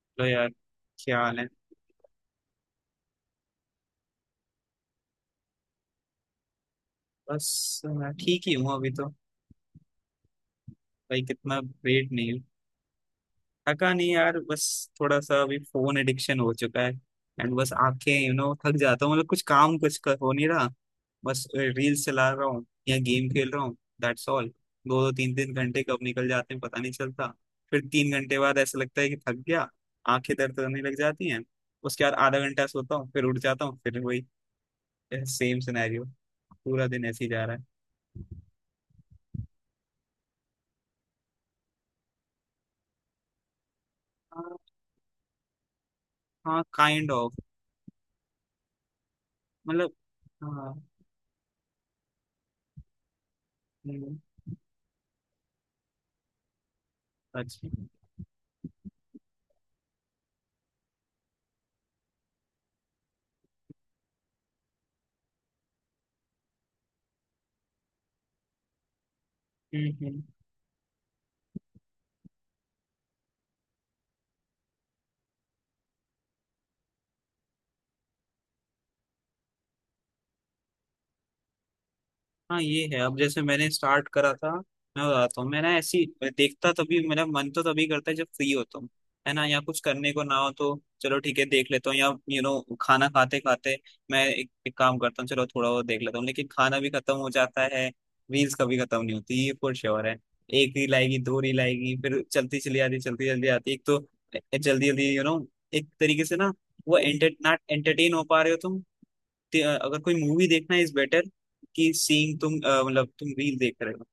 Hello यार। क्या हाल है? बस मैं ठीक ही हूँ अभी तो। भाई कितना वेट नहीं हूँ, थका नहीं यार। बस थोड़ा सा अभी फोन एडिक्शन हो चुका है, एंड बस आंखें, थक जाता हूँ। मतलब कुछ काम हो नहीं रहा। बस रील्स चला रहा हूँ या गेम खेल रहा हूँ, दैट्स ऑल। दो दो तीन तीन घंटे कब निकल जाते हैं पता नहीं चलता। फिर 3 घंटे बाद ऐसा लगता है कि थक गया, आंखें दर्द करने लग जाती हैं। उसके बाद आधा घंटा सोता हूँ, फिर उठ जाता हूँ, फिर वही सेम सिनेरियो। पूरा दिन ऐसे ही जा रहा है। हाँ काइंड ऑफ, मतलब हाँ। हम्म, सच में। हम्म। हम्म। हाँ ये है। अब जैसे मैंने स्टार्ट करा था, मैं बताता हूँ, मैंने ऐसी देखता तभी मेरा मन तो तभी करता है जब फ्री होता हूँ, है ना, या कुछ करने को ना हो तो चलो ठीक है देख लेता हूँ। या खाना खाते खाते मैं एक, एक काम करता हूँ, चलो थोड़ा वो देख लेता हूँ, लेकिन खाना भी खत्म हो जाता है। रील्स कभी खत्म नहीं होती, ये फॉर श्योर है। एक रील आएगी, दो रील आएगी, फिर चलती चली आती, चलती चली आती। एक तो जल्दी जल्दी, एक तरीके से ना, वो एंटरटेन हो पा रहे हो तुम। अगर कोई मूवी देखना इज बेटर कि सीइंग। तुम मतलब तुम रील देख रहे हो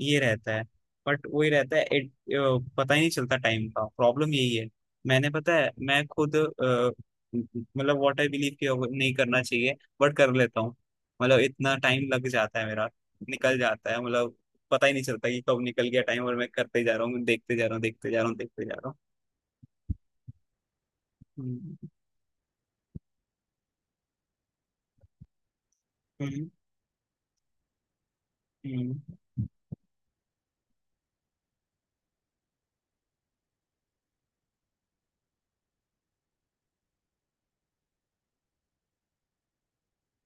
ये रहता है। बट वही रहता है। पता ही नहीं चलता टाइम का, प्रॉब्लम यही है। मैंने पता है मैं खुद मतलब व्हाट आई बिलीव कि अब नहीं करना चाहिए, बट कर लेता हूँ। मतलब इतना टाइम लग जाता है मेरा, निकल जाता है मतलब, पता ही नहीं चलता कि कब निकल गया टाइम, और मैं करते जा रहा हूँ, देखते जा रहा हूँ, देखते जा रहा हूँ, देखते जा रहा हूँ। हम्म। हम्म। हम्म।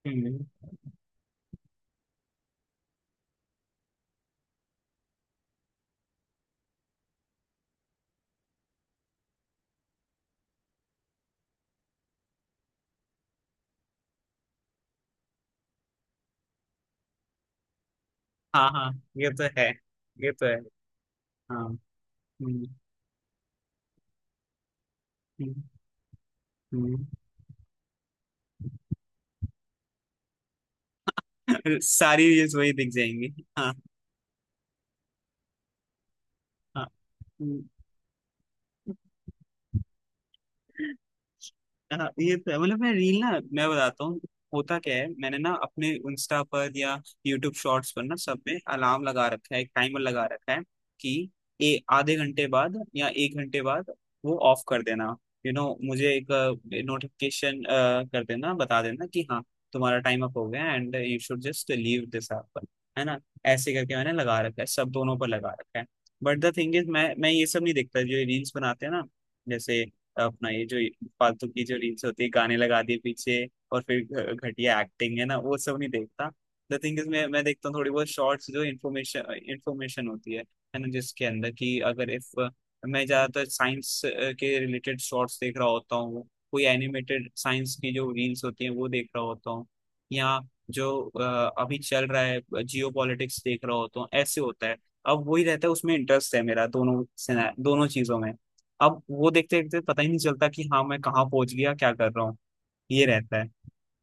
हम्म। हम्म। हाँ हाँ, ये तो है। ये तो है। हाँ। हम्म। हम्म। हम्म। सारी रील्स वही दिख जाएंगी। हाँ। हाँ। हम्म। हाँ, मतलब मैं रील ना, मैं बताता हूँ होता क्या है। मैंने ना अपने इंस्टा पर या यूट्यूब शॉर्ट्स पर, ना सब में अलार्म लगा रखा है, एक टाइमर लगा रखा है कि ए आधे घंटे बाद या एक घंटे बाद वो ऑफ कर देना। यू you नो know, मुझे एक नोटिफिकेशन कर देना, बता देना कि हाँ तुम्हारा टाइम अप हो गया, and you should just leave this app, है ना। ऐसे करके मैंने लगा रखा है, सब दोनों पर लगा रखा है। बट द थिंग इज, मैं ये सब नहीं देखता जो रील्स बनाते हैं ना, जैसे अपना ये जो फालतू की जो रील्स होती है, गाने लगा दिए पीछे और फिर घटिया एक्टिंग, है ना, वो सब नहीं देखता। द थिंग इज, मैं देखता हूँ थोड़ी बहुत शॉर्ट्स जो इन्फॉर्मेशन इन्फॉर्मेशन होती है ना, जिसके अंदर कि अगर इफ, मैं ज्यादातर साइंस के रिलेटेड शॉर्ट्स देख रहा होता हूँ। कोई एनिमेटेड साइंस की जो रील्स होती हैं वो देख रहा होता हूँ, या जो अभी चल रहा है जियो पॉलिटिक्स देख रहा होता हूँ, ऐसे होता है। अब वही रहता है, उसमें इंटरेस्ट है मेरा दोनों, दोनों चीजों में। अब वो देखते देखते पता ही नहीं चलता कि हाँ मैं कहाँ पहुंच गया, क्या कर रहा हूँ। ये रहता है।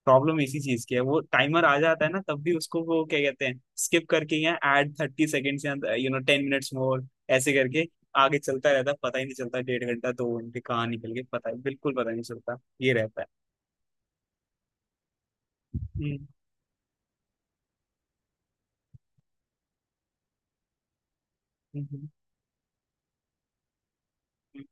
प्रॉब्लम इसी चीज की है, वो टाइमर आ जाता है ना, तब भी उसको वो क्या कहते हैं स्किप करके, या ऐड 30 सेकेंड्स या यू नो 10 मिनट्स मोर, ऐसे करके आगे चलता रहता है। पता ही नहीं चलता डेढ़ घंटा दो घंटे कहाँ निकल गए, पता है बिल्कुल पता नहीं चलता, ये रहता है। हम्म। हम्म। हम्म। हम्म।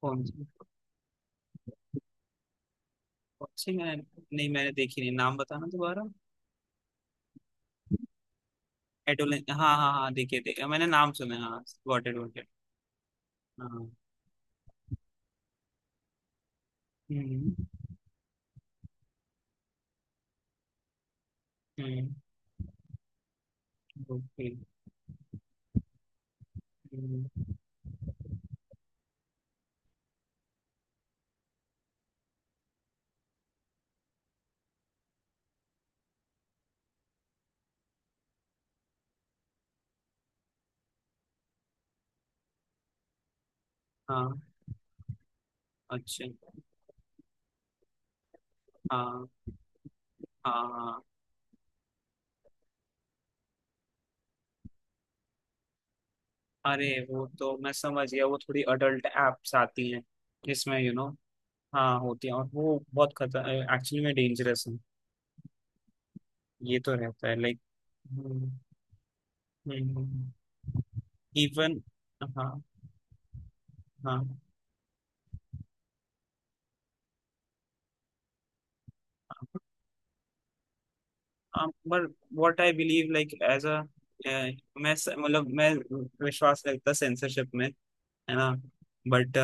कौन सी? कौन सी, मैं नहीं, मैंने देखी नहीं, नाम बताना दोबारा। एडोलेन, हाँ हाँ हाँ, देखिए देखिए, मैंने नाम सुना है, हाँ गॉट इट गॉट इट। हाँ। हम्म। हम्म। ओके। हम्म। हाँ। अच्छा। हाँ हाँ हाँ, अरे वो तो मैं समझ गया, वो थोड़ी अडल्ट एप्स आती हैं जिसमें यू you नो, हाँ होती हैं, और वो बहुत खतर, एक्चुअली में डेंजरस है। ये तो रहता है, लाइक। इवन। हाँ हाँ। पर what I believe, like as a, मतलब मैं विश्वास रखता सेंसरशिप में, है ना। बट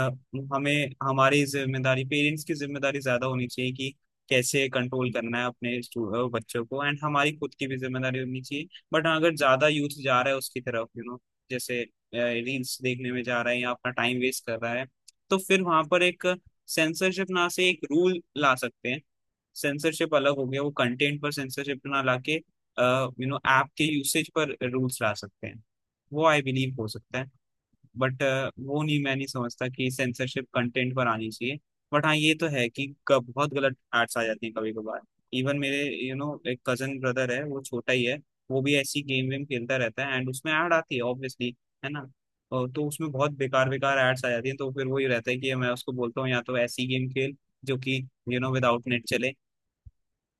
हमें हमारी जिम्मेदारी, पेरेंट्स की जिम्मेदारी ज्यादा होनी चाहिए कि कैसे कंट्रोल करना है अपने बच्चों को, एंड हमारी खुद की भी जिम्मेदारी होनी चाहिए। बट अगर ज्यादा यूथ जा रहा है उसकी तरफ, जैसे रील्स देखने में जा रहा है या अपना टाइम वेस्ट कर रहा है, तो फिर वहां पर एक सेंसरशिप ना से एक रूल ला सकते हैं। सेंसरशिप अलग हो गया, वो कंटेंट पर सेंसरशिप ना लाके, ऐप के यूसेज पर रूल्स ला सकते हैं, वो आई बिलीव हो सकता है। बट वो नहीं, मैं नहीं समझता कि सेंसरशिप कंटेंट पर आनी चाहिए। बट हाँ ये तो है कि कब बहुत गलत एड्स आ जाती हैं कभी कभार। इवन मेरे एक कजन ब्रदर है, वो छोटा ही है, वो भी ऐसी गेम वेम खेलता रहता है, एंड उसमें ऐड आती है ऑब्वियसली, है ना। और तो उसमें बहुत बेकार बेकार एड्स आ जाती हैं, तो फिर वही रहता है कि मैं उसको बोलता हूँ या तो ऐसी गेम खेल जो कि विदाउट नेट चले,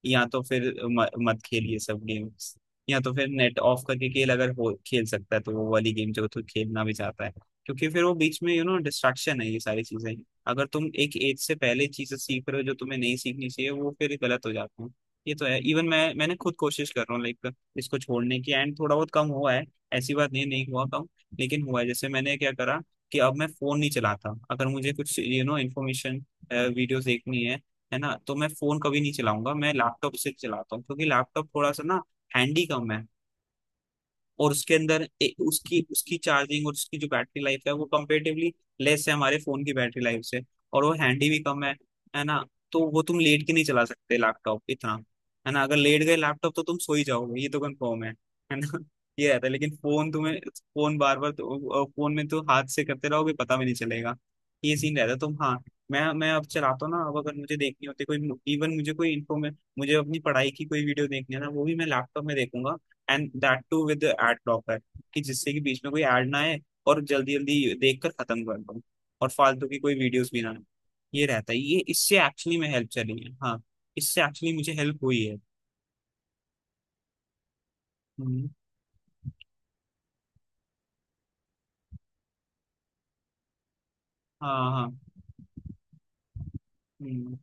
या तो फिर मत खेलिए सब गेम्स, या तो फिर नेट ऑफ करके खेल अगर हो खेल सकता है, तो वो वाली गेम जो तो खेलना भी चाहता है। क्योंकि फिर वो बीच में डिस्ट्रैक्शन है, ये सारी चीजें। अगर तुम एक एज से पहले चीजें सीख रहे हो जो तुम्हें नहीं सीखनी चाहिए, वो फिर गलत हो जाती है। ये तो है, इवन मैं, मैंने खुद कोशिश कर रहा हूँ, लाइक इसको छोड़ने की, एंड थोड़ा बहुत कम हुआ है, ऐसी बात नहीं, नहीं हुआ कम, लेकिन हुआ है। जैसे मैंने क्या करा कि अब मैं फोन नहीं चलाता, अगर मुझे कुछ इन्फॉर्मेशन वीडियोस देखनी है ना, तो मैं फोन कभी नहीं चलाऊंगा, मैं लैपटॉप से चलाता हूँ क्योंकि लैपटॉप थोड़ा सा ना हैंडी कम है। और उसके अंदर उसकी उसकी चार्जिंग और उसकी जो बैटरी लाइफ है, वो कंपेरेटिवली लेस है हमारे फोन की बैटरी लाइफ से, और वो हैंडी भी कम है ना। तो वो तुम लेट के नहीं चला सकते लैपटॉप इतना, है ना, अगर लेट गए लैपटॉप तो तुम सो ही जाओगे ये तो कंफर्म है ना। ये रहता है। तो लेकिन फोन, तुम्हें फोन बार बार, फोन में तो हाथ से करते रहोगे पता भी नहीं चलेगा। ये सीन रहता है, तुम, हाँ, मैं अब चलाता हूँ ना। अब अगर मुझे देखनी होती कोई, इवन मुझे कोई इन्फॉर्मेशन, मुझे अपनी पढ़ाई की कोई वीडियो देखनी है ना, वो भी मैं लैपटॉप में देखूंगा, and that too with ad blocker, कि जिससे कि बीच में कोई एड ना आए और जल्दी जल्दी देख कर खत्म कर दो, और फालतू की कोई वीडियोस भी ना आए। ये रहता है, ये इससे एक्चुअली में हेल्प चली है, हाँ। इससे एक्चुअली मुझे हेल्प हुई है। हम्म। हाँ हाँ। हम्म।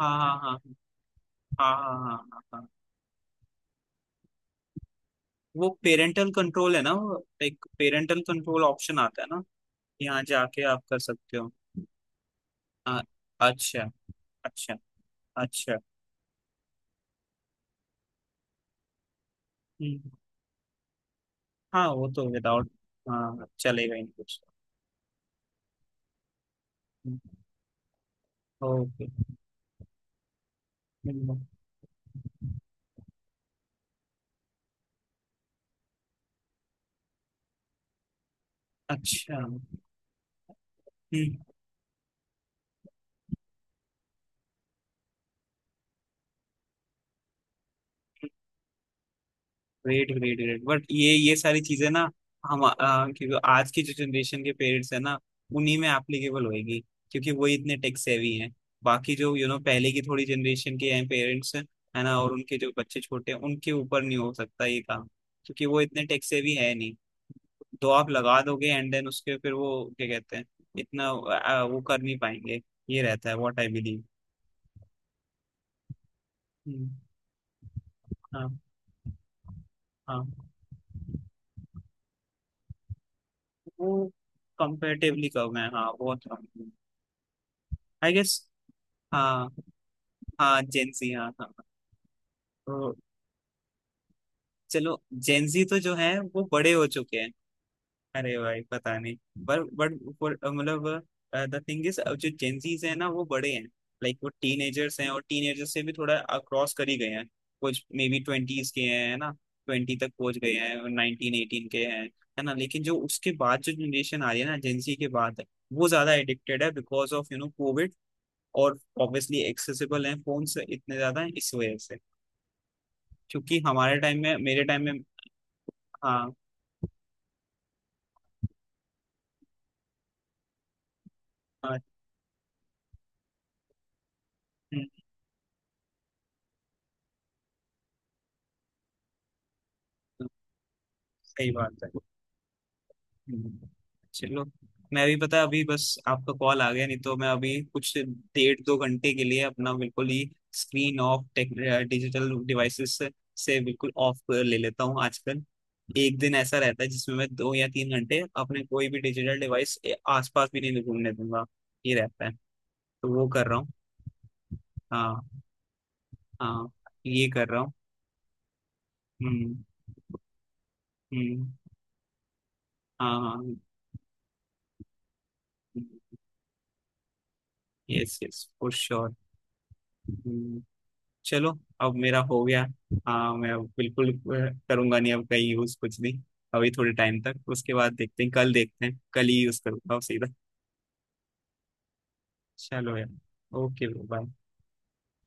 हाँ हाँ हाँ हाँ हाँ हाँ हाँ हाँ। वो पेरेंटल कंट्रोल है ना, वो एक पेरेंटल कंट्रोल ऑप्शन आता है ना, यहाँ जाके आप कर सकते हो। हाँ, अच्छा। अच्छा। अच्छा। हम्म। हाँ वो तो विदाउट, हाँ चलेगा ही नहीं कुछ। ओके। मिनिमम। अच्छा। ग्रेट ग्रेट ग्रेट, बट ये सारी चीजें ना, हम क्योंकि आज की जो जनरेशन के पेरेंट्स है ना, उन्हीं में एप्लीकेबल होएगी, क्योंकि वही इतने टेक सेवी हैं। बाकी जो पहले की थोड़ी जनरेशन के हैं पेरेंट्स, है ना, और उनके जो बच्चे छोटे हैं, उनके ऊपर नहीं हो सकता ये काम, क्योंकि वो इतने टेक सेवी है नहीं। तो आप लगा दोगे एंड देन उसके फिर वो, क्या कहते हैं, इतना वो कर नहीं पाएंगे। ये रहता है व्हाट आई बिलीव। हाँ। हाँ वो कंपेरेटिवली कम है, हाँ बहुत कम। आई गेस, हाँ। हाँ जेंजी, हाँ हाँ। तो चलो जेंजी तो जो है वो बड़े हो चुके हैं। अरे भाई पता नहीं। पर बट मतलब द थिंग इज, अब जो जेंजीज है ना वो बड़े हैं, लाइक वो टीनेजर्स हैं, और टीनेजर्स से भी थोड़ा क्रॉस कर ही गए हैं, कुछ मे बी ट्वेंटीज के हैं, है ना, ट्वेंटी तक पहुंच गए हैं और 19, 18 के हैं, है ना। लेकिन जो उसके बाद जो जनरेशन आ रही है ना जेंजी के बाद, वो ज्यादा एडिक्टेड है बिकॉज ऑफ कोविड, और ऑब्वियसली एक्सेसिबल हैं फोन से, इतने ज्यादा हैं इस वजह से, क्योंकि हमारे टाइम में, मेरे टाइम में। हाँ। हाँ। हम्म। हम्म। सही बात है। हम्म। चलो मैं भी, पता है अभी बस आपका कॉल आ गया, नहीं तो मैं अभी कुछ डेढ़ दो घंटे के लिए अपना बिल्कुल ही screen off, tech digital devices से बिल्कुल ऑफ ले लेता हूँ आजकल। एक दिन ऐसा रहता है जिसमें मैं 2 या 3 घंटे अपने कोई भी डिजिटल डिवाइस आसपास भी नहीं घूमने दूंगा, ये रहता है, तो वो कर रहा हूँ। हाँ। हाँ, ये कर रहा हूँ। हम्म। हम्म। हाँ हाँ, यस यस फॉर श्योर। चलो अब मेरा हो गया। हाँ मैं अब बिल्कुल करूंगा नहीं, अब कहीं यूज कुछ भी। अभी थोड़े टाइम तक, उसके बाद देखते हैं, कल देखते हैं, कल ही यूज करूंगा सीधा। चलो यार। ओके। बाय।